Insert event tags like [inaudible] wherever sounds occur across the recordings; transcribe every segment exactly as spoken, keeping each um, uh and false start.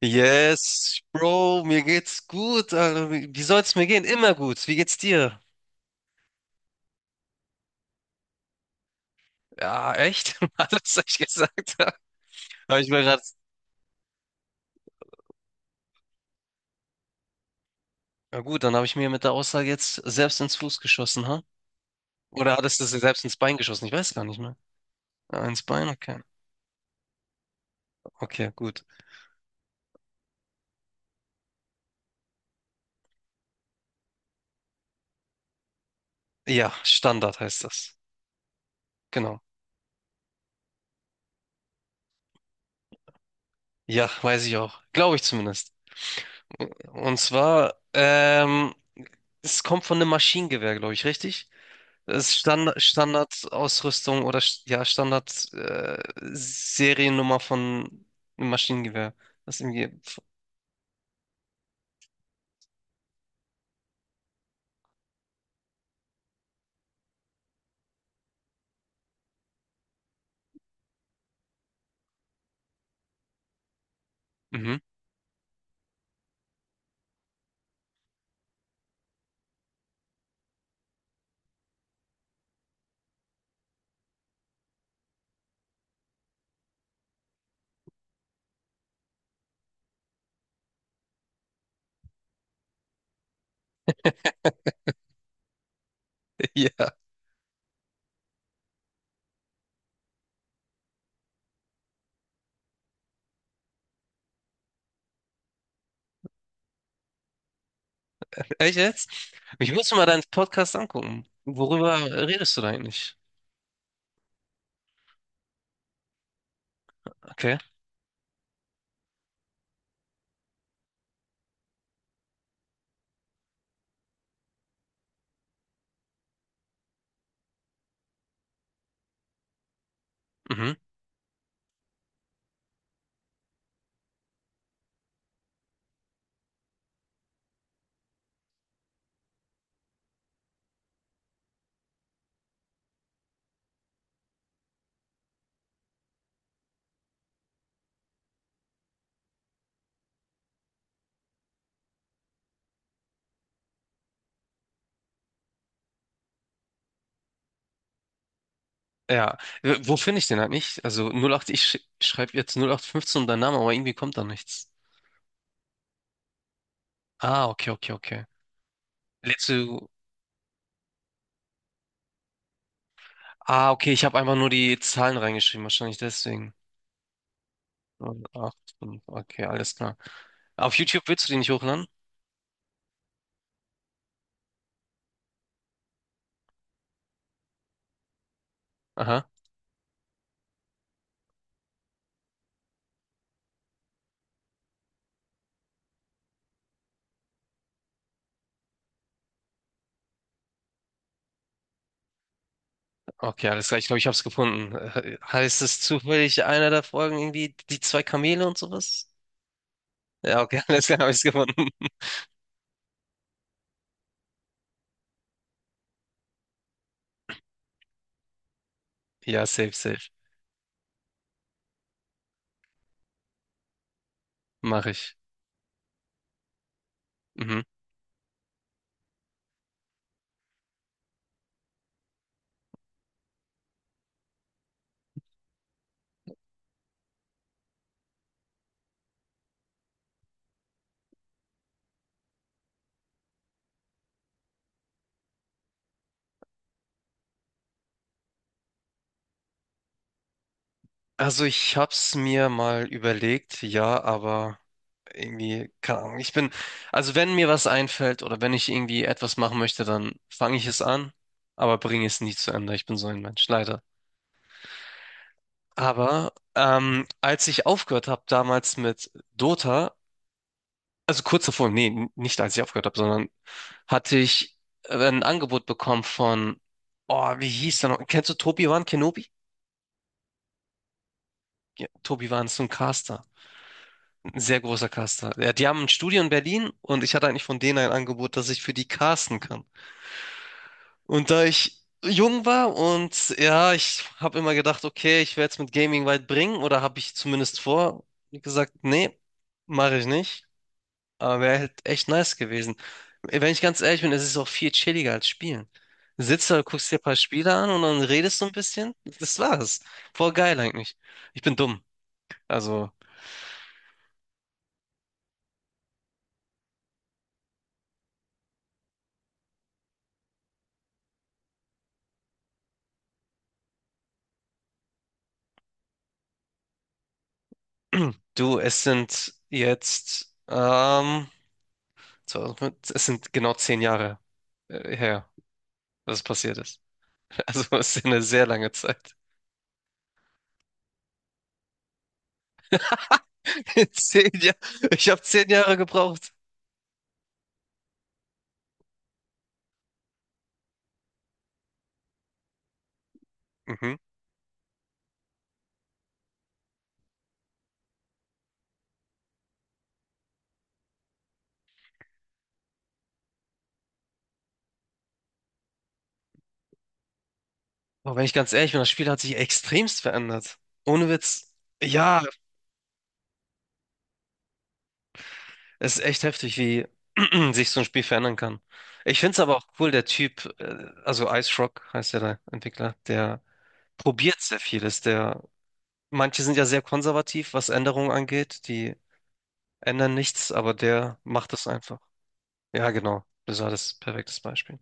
Yes, Bro, mir geht's gut. Alter. Wie wie soll's mir gehen? Immer gut. Wie geht's dir? Ja, echt? [laughs] Alles, was ich gesagt habe. Habe ich mir gerade. Na gut, dann habe ich mir mit der Aussage jetzt selbst ins Fuß geschossen, ha? Oder hattest du sie selbst ins Bein geschossen? Ich weiß gar nicht mehr. Ah, ins Bein? Okay. Okay, gut. Ja, Standard heißt das. Genau. Ja, weiß ich auch. Glaube ich zumindest. Und zwar, ähm, es kommt von einem Maschinengewehr, glaube ich, richtig? Ist Standard, Standardausrüstung oder st- ja, Standard, äh, Seriennummer von einem Maschinengewehr. Das ist irgendwie. Mhm. [laughs] Ja. Echt jetzt? Ich muss mir mal deinen Podcast angucken. Worüber redest du da eigentlich? Okay. Mhm. Ja. Äh, Wo finde ich den halt nicht? Also null acht, ich sch schreibe jetzt null acht fünfzehn und dein Name, aber irgendwie kommt da nichts. Ah, okay, okay, okay. Lädst du. Ah, okay, ich habe einfach nur die Zahlen reingeschrieben, wahrscheinlich deswegen. null acht, okay, alles klar. Auf YouTube willst du die nicht hochladen? Aha, okay, alles klar. Ich glaube, ich habe es gefunden. Äh, Heißt es zufällig einer der Folgen irgendwie die zwei Kamele und sowas? Ja, okay, [laughs] alles klar, habe ich es gefunden. Ja, safe, safe. Mache ich. Mhm. Also ich hab's mir mal überlegt, ja, aber irgendwie, keine Ahnung. Ich bin, also wenn mir was einfällt oder wenn ich irgendwie etwas machen möchte, dann fange ich es an, aber bringe es nie zu Ende. Ich bin so ein Mensch, leider. Aber ähm, als ich aufgehört habe damals mit Dota, also kurz davor, nee, n- nicht als ich aufgehört habe, sondern hatte ich äh, ein Angebot bekommen von, oh, wie hieß der noch? Kennst du Tobiwan Kenobi? Ja, Tobiwan ist so ein Caster. Ein sehr großer Caster. Ja, die haben ein Studio in Berlin und ich hatte eigentlich von denen ein Angebot, dass ich für die casten kann. Und da ich jung war und ja, ich habe immer gedacht, okay, ich werde es mit Gaming weit bringen oder habe ich zumindest vor, wie gesagt, nee, mache ich nicht. Aber wäre halt echt nice gewesen. Wenn ich ganz ehrlich bin, es ist auch viel chilliger als spielen. Sitzt da, guckst dir ein paar Spiele an und dann redest du ein bisschen. Das war's. Voll geil eigentlich. Ich bin dumm. Also, [clears throat] du, es sind jetzt, ähm, zweitausendfünf es sind genau zehn Jahre äh, her, dass es passiert ist. [laughs] Also, es ist eine sehr lange Zeit. [laughs] Zehn Jahre. Ich habe zehn Jahre gebraucht. Mhm. Aber wenn ich ganz ehrlich bin, das Spiel hat sich extremst verändert. Ohne Witz. Ja, es ist echt heftig, wie [clears throat] sich so ein Spiel verändern kann. Ich finde es aber auch cool, der Typ, äh, also Ice Rock heißt ja der Entwickler, der probiert sehr vieles. Der, manche sind ja sehr konservativ, was Änderungen angeht, die ändern nichts, aber der macht es einfach. Ja, genau. Das war das perfektes Beispiel.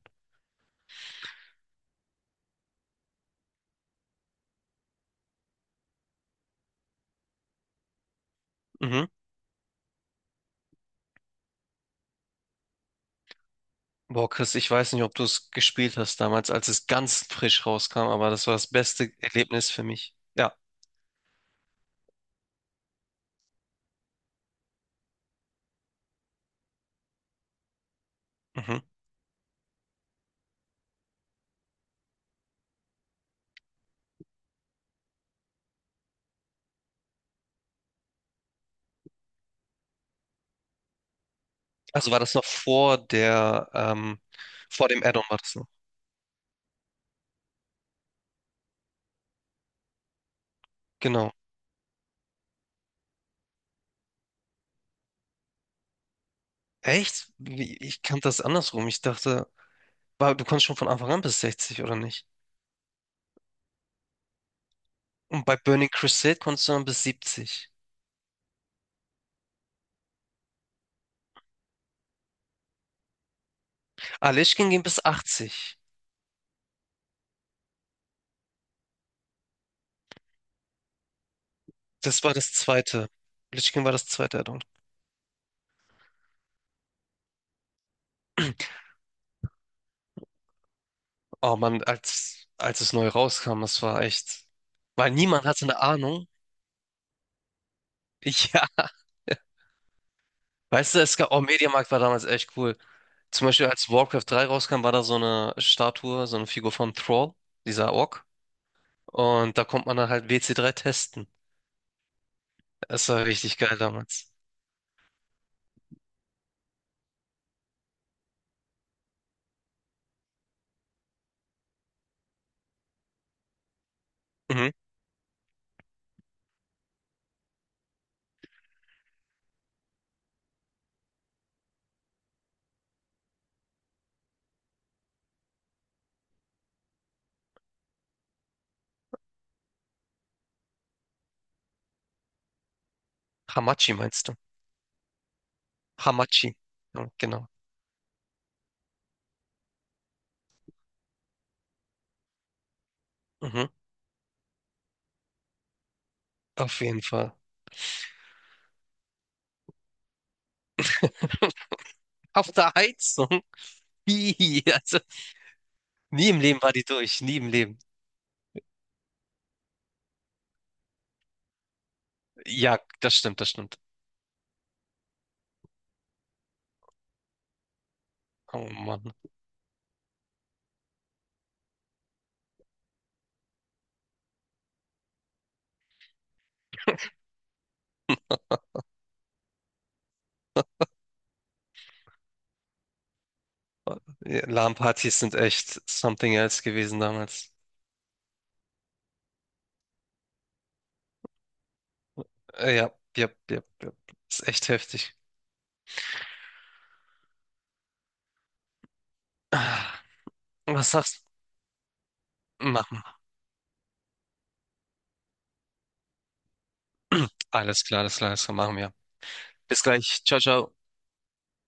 Mhm. Boah, Chris, ich weiß nicht, ob du es gespielt hast damals, als es ganz frisch rauskam, aber das war das beste Erlebnis für mich. Ja. Mhm. Also war das noch vor der, ähm, vor dem Add-on war das noch. Genau. Echt? Wie- Ich kannte das andersrum. Ich dachte, wa- du konntest schon von Anfang an bis sechzig, oder nicht? Und bei Burning Crusade konntest du dann bis siebzig. Ah, Lich King ging bis achtzig. Das war das zweite. Lich King war das zweite Addon. [clears throat] Oh Mann, als, als es neu rauskam, das war echt. Weil niemand hatte eine Ahnung. [laughs] Ja. Weißt du, es gab, oh, Mediamarkt war damals echt cool. Zum Beispiel, als Warcraft drei rauskam, war da so eine Statue, so eine Figur von Thrall, dieser Ork. Und da konnte man dann halt W C drei testen. Es war richtig geil damals. Mhm. Hamachi meinst du? Hamachi. Ja, genau. Mhm. Auf jeden Fall. Auf der Heizung. [laughs] Hihi, also, nie im Leben war die durch. Nie im Leben. Ja, das stimmt, das stimmt. Oh Mann. Ja, LAN-Partys sind echt something else gewesen damals. Äh, Ja, ja, ja, ja. Ist echt heftig. Ah, was sagst du? Machen wir. Alles klar, alles klar, alles klar, machen wir. Bis gleich. Ciao, ciao.